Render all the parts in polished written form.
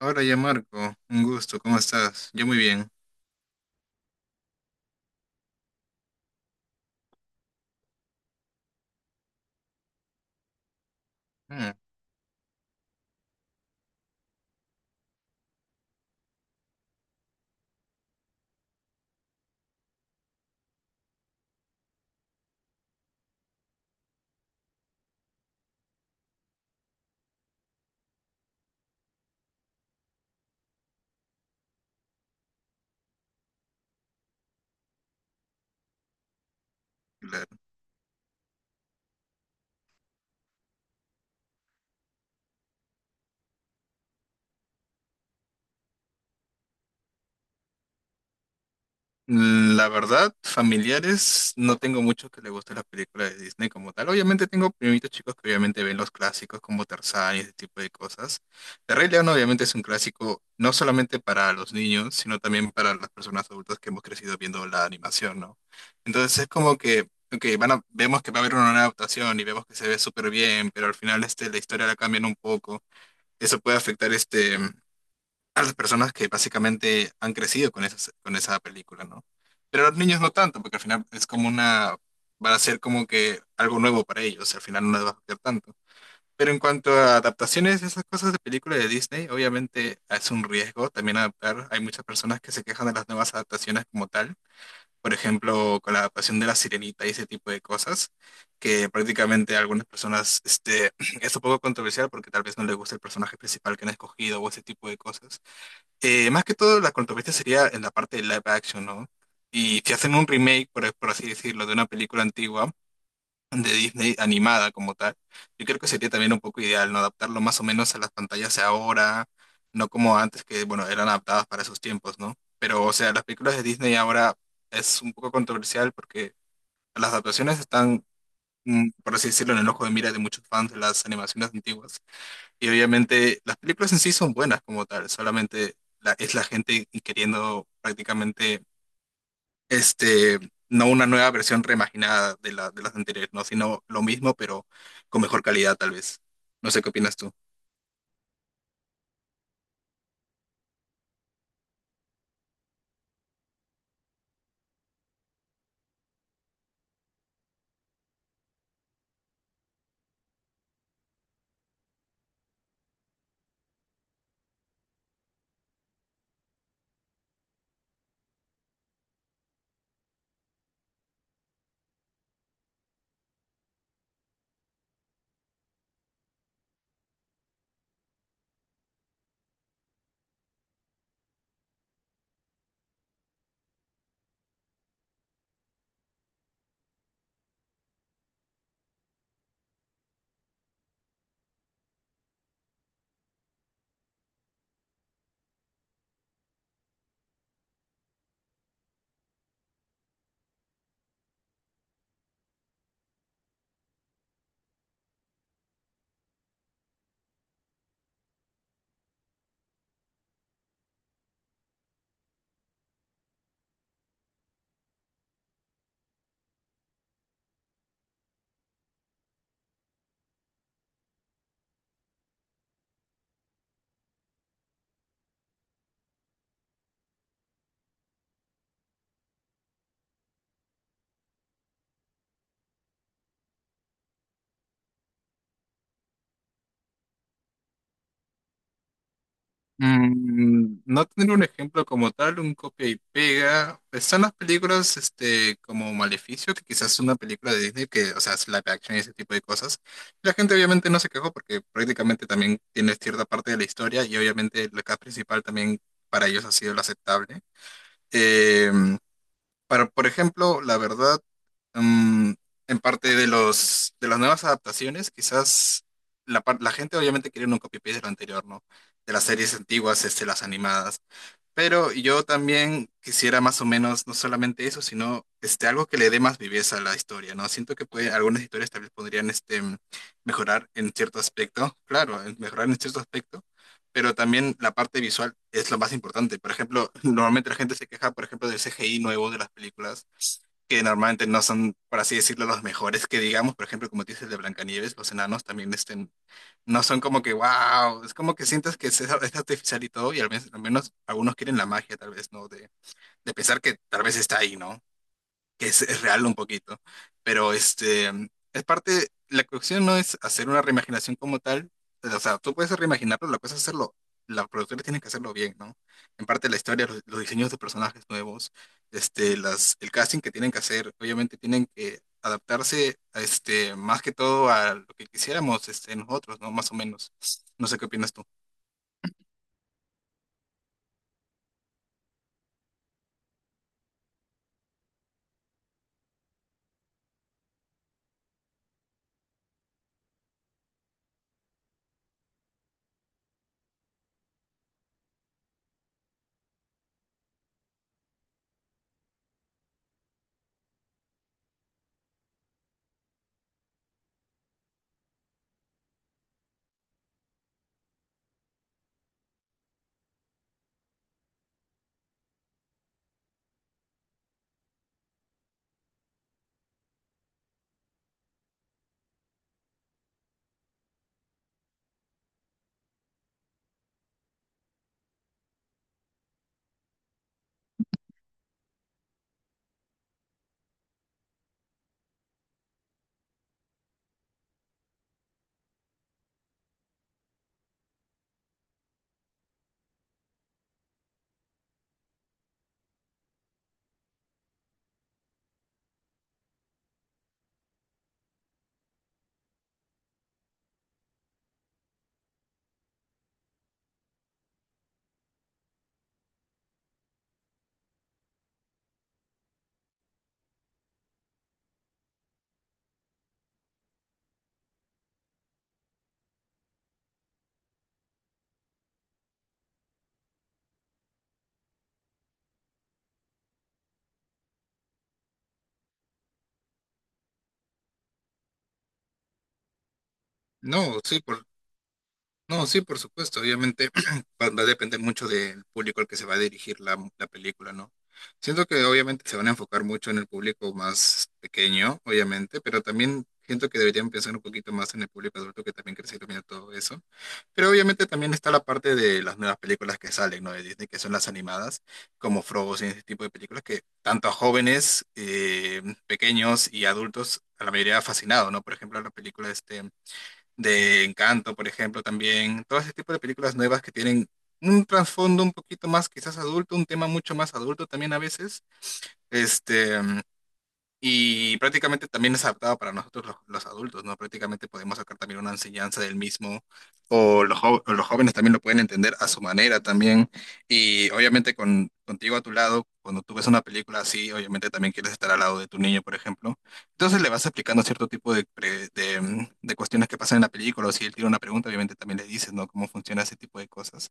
Ahora ya Marco, un gusto, ¿cómo estás? Yo muy bien. Mm, claro. La verdad, familiares, no tengo muchos que les gusten las películas de Disney como tal. Obviamente tengo primitos chicos que obviamente ven los clásicos como Tarzán y ese tipo de cosas. El Rey León obviamente es un clásico no solamente para los niños, sino también para las personas adultas que hemos crecido viendo la animación, ¿no? Entonces es como que, ok, vemos que va a haber una nueva adaptación y vemos que se ve súper bien, pero al final este, la historia la cambian un poco. Eso puede afectar este a las personas que básicamente han crecido con esas, con esa película, ¿no? Pero a los niños no tanto, porque al final es como una, va a ser como que algo nuevo para ellos, al final no les va a afectar tanto. Pero en cuanto a adaptaciones, esas cosas de películas de Disney, obviamente es un riesgo también adaptar. Hay muchas personas que se quejan de las nuevas adaptaciones como tal, por ejemplo, con la adaptación de La Sirenita y ese tipo de cosas, que prácticamente a algunas personas este, es un poco controversial porque tal vez no les gusta el personaje principal que han escogido o ese tipo de cosas. Más que todo, la controversia sería en la parte de live action, ¿no? Y si hacen un remake, por así decirlo, de una película antigua de Disney animada como tal, yo creo que sería también un poco ideal, ¿no? Adaptarlo más o menos a las pantallas de ahora, no como antes que, bueno, eran adaptadas para sus tiempos, ¿no? Pero, o sea, las películas de Disney ahora es un poco controversial porque las adaptaciones están, por así decirlo, en el ojo de mira de muchos fans de las animaciones antiguas. Y obviamente las películas en sí son buenas como tal, solamente es la gente queriendo prácticamente, este, no una nueva versión reimaginada de la, de las anteriores, no, sino lo mismo, pero con mejor calidad tal vez. No sé qué opinas tú. No tener un ejemplo como tal, un copia y pega. Están las películas este, como Maleficio, que quizás es una película de Disney que, o sea, es live action y ese tipo de cosas. La gente obviamente no se quejó porque prácticamente también tiene cierta parte de la historia y obviamente la cast principal también para ellos ha sido la aceptable. Em, pero, por ejemplo, la verdad, mm, en parte de los de las nuevas adaptaciones, quizás la gente obviamente quería un copy-paste de lo anterior, ¿no? De las series antiguas, este, las animadas. Pero yo también quisiera más o menos, no solamente eso, sino este, algo que le dé más viveza a la historia, ¿no? Siento que puede, algunas historias tal vez podrían este, mejorar en cierto aspecto, claro, mejorar en cierto aspecto, pero también la parte visual es lo más importante. Por ejemplo, normalmente la gente se queja, por ejemplo, del CGI nuevo de las películas, que normalmente no son, por así decirlo, los mejores que digamos, por ejemplo, como dices de Blancanieves, los enanos también este, no son como que, wow, es como que sientes que es artificial y todo, y al menos algunos quieren la magia, tal vez, ¿no? De pensar que tal vez está ahí, ¿no? Que es real un poquito. Pero este, es parte, la cuestión no es hacer una reimaginación como tal, o sea, tú puedes reimaginarlo, la cosa es hacerlo, los productores tienen que hacerlo bien, ¿no? En parte la historia, los diseños de personajes nuevos, este, el casting que tienen que hacer, obviamente tienen que adaptarse a este, más que todo a lo que quisiéramos este, nosotros, ¿no? Más o menos. No sé qué opinas tú. No, sí, por, No, sí, por supuesto. Obviamente va a depender mucho del público al que se va a dirigir la película, ¿no? Siento que obviamente se van a enfocar mucho en el público más pequeño, obviamente, pero también siento que deberían pensar un poquito más en el público adulto que también crece viendo todo eso. Pero obviamente también está la parte de las nuevas películas que salen, ¿no? De Disney, que son las animadas, como Frozen, ese tipo de películas que tanto a jóvenes, pequeños y adultos, a la mayoría ha fascinado, ¿no? Por ejemplo, la película este de Encanto, por ejemplo, también, todo ese tipo de películas nuevas que tienen un trasfondo un poquito más quizás adulto, un tema mucho más adulto también a veces, este, y prácticamente también es adaptado para nosotros los adultos, ¿no? Prácticamente podemos sacar también una enseñanza del mismo, o los jóvenes también lo pueden entender a su manera también. Y obviamente contigo a tu lado, cuando tú ves una película así, obviamente también quieres estar al lado de tu niño, por ejemplo. Entonces le vas explicando cierto tipo de, de cuestiones que pasan en la película, o si él tiene una pregunta, obviamente también le dices, ¿no? Cómo funciona ese tipo de cosas.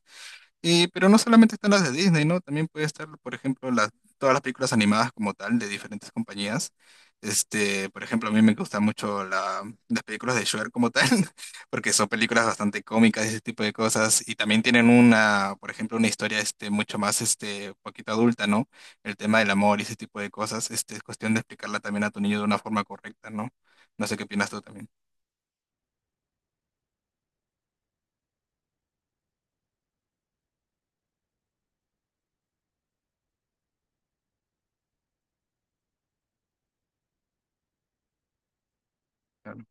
Y, pero no solamente están las de Disney, ¿no? También puede estar, por ejemplo, las, todas las películas animadas como tal de diferentes compañías. Este, por ejemplo, a mí me gustan mucho las películas de Shrek como tal, porque son películas bastante cómicas y ese tipo de cosas. Y también tienen una, por ejemplo, una historia este, mucho más este, poquito adulta, ¿no? El tema del amor y ese tipo de cosas. Este, es cuestión de explicarla también a tu niño de una forma correcta, ¿no? No sé qué opinas tú también. Claro,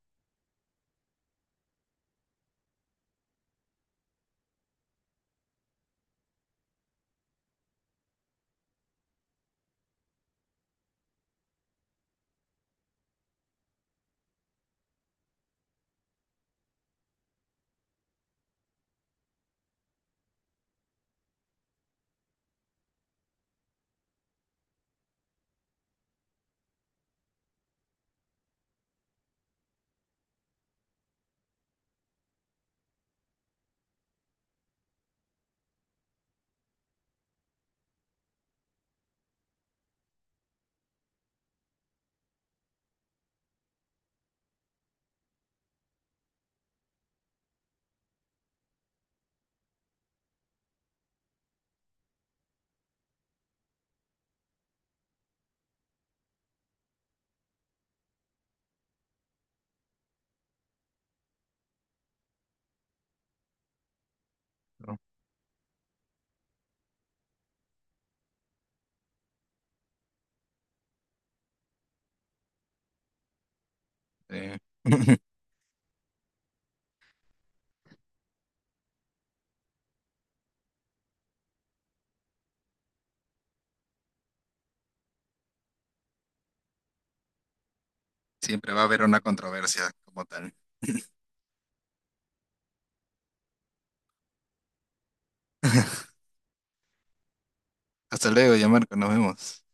pero, eh, siempre va a haber una controversia como tal. Hasta luego, ya Marco, nos vemos.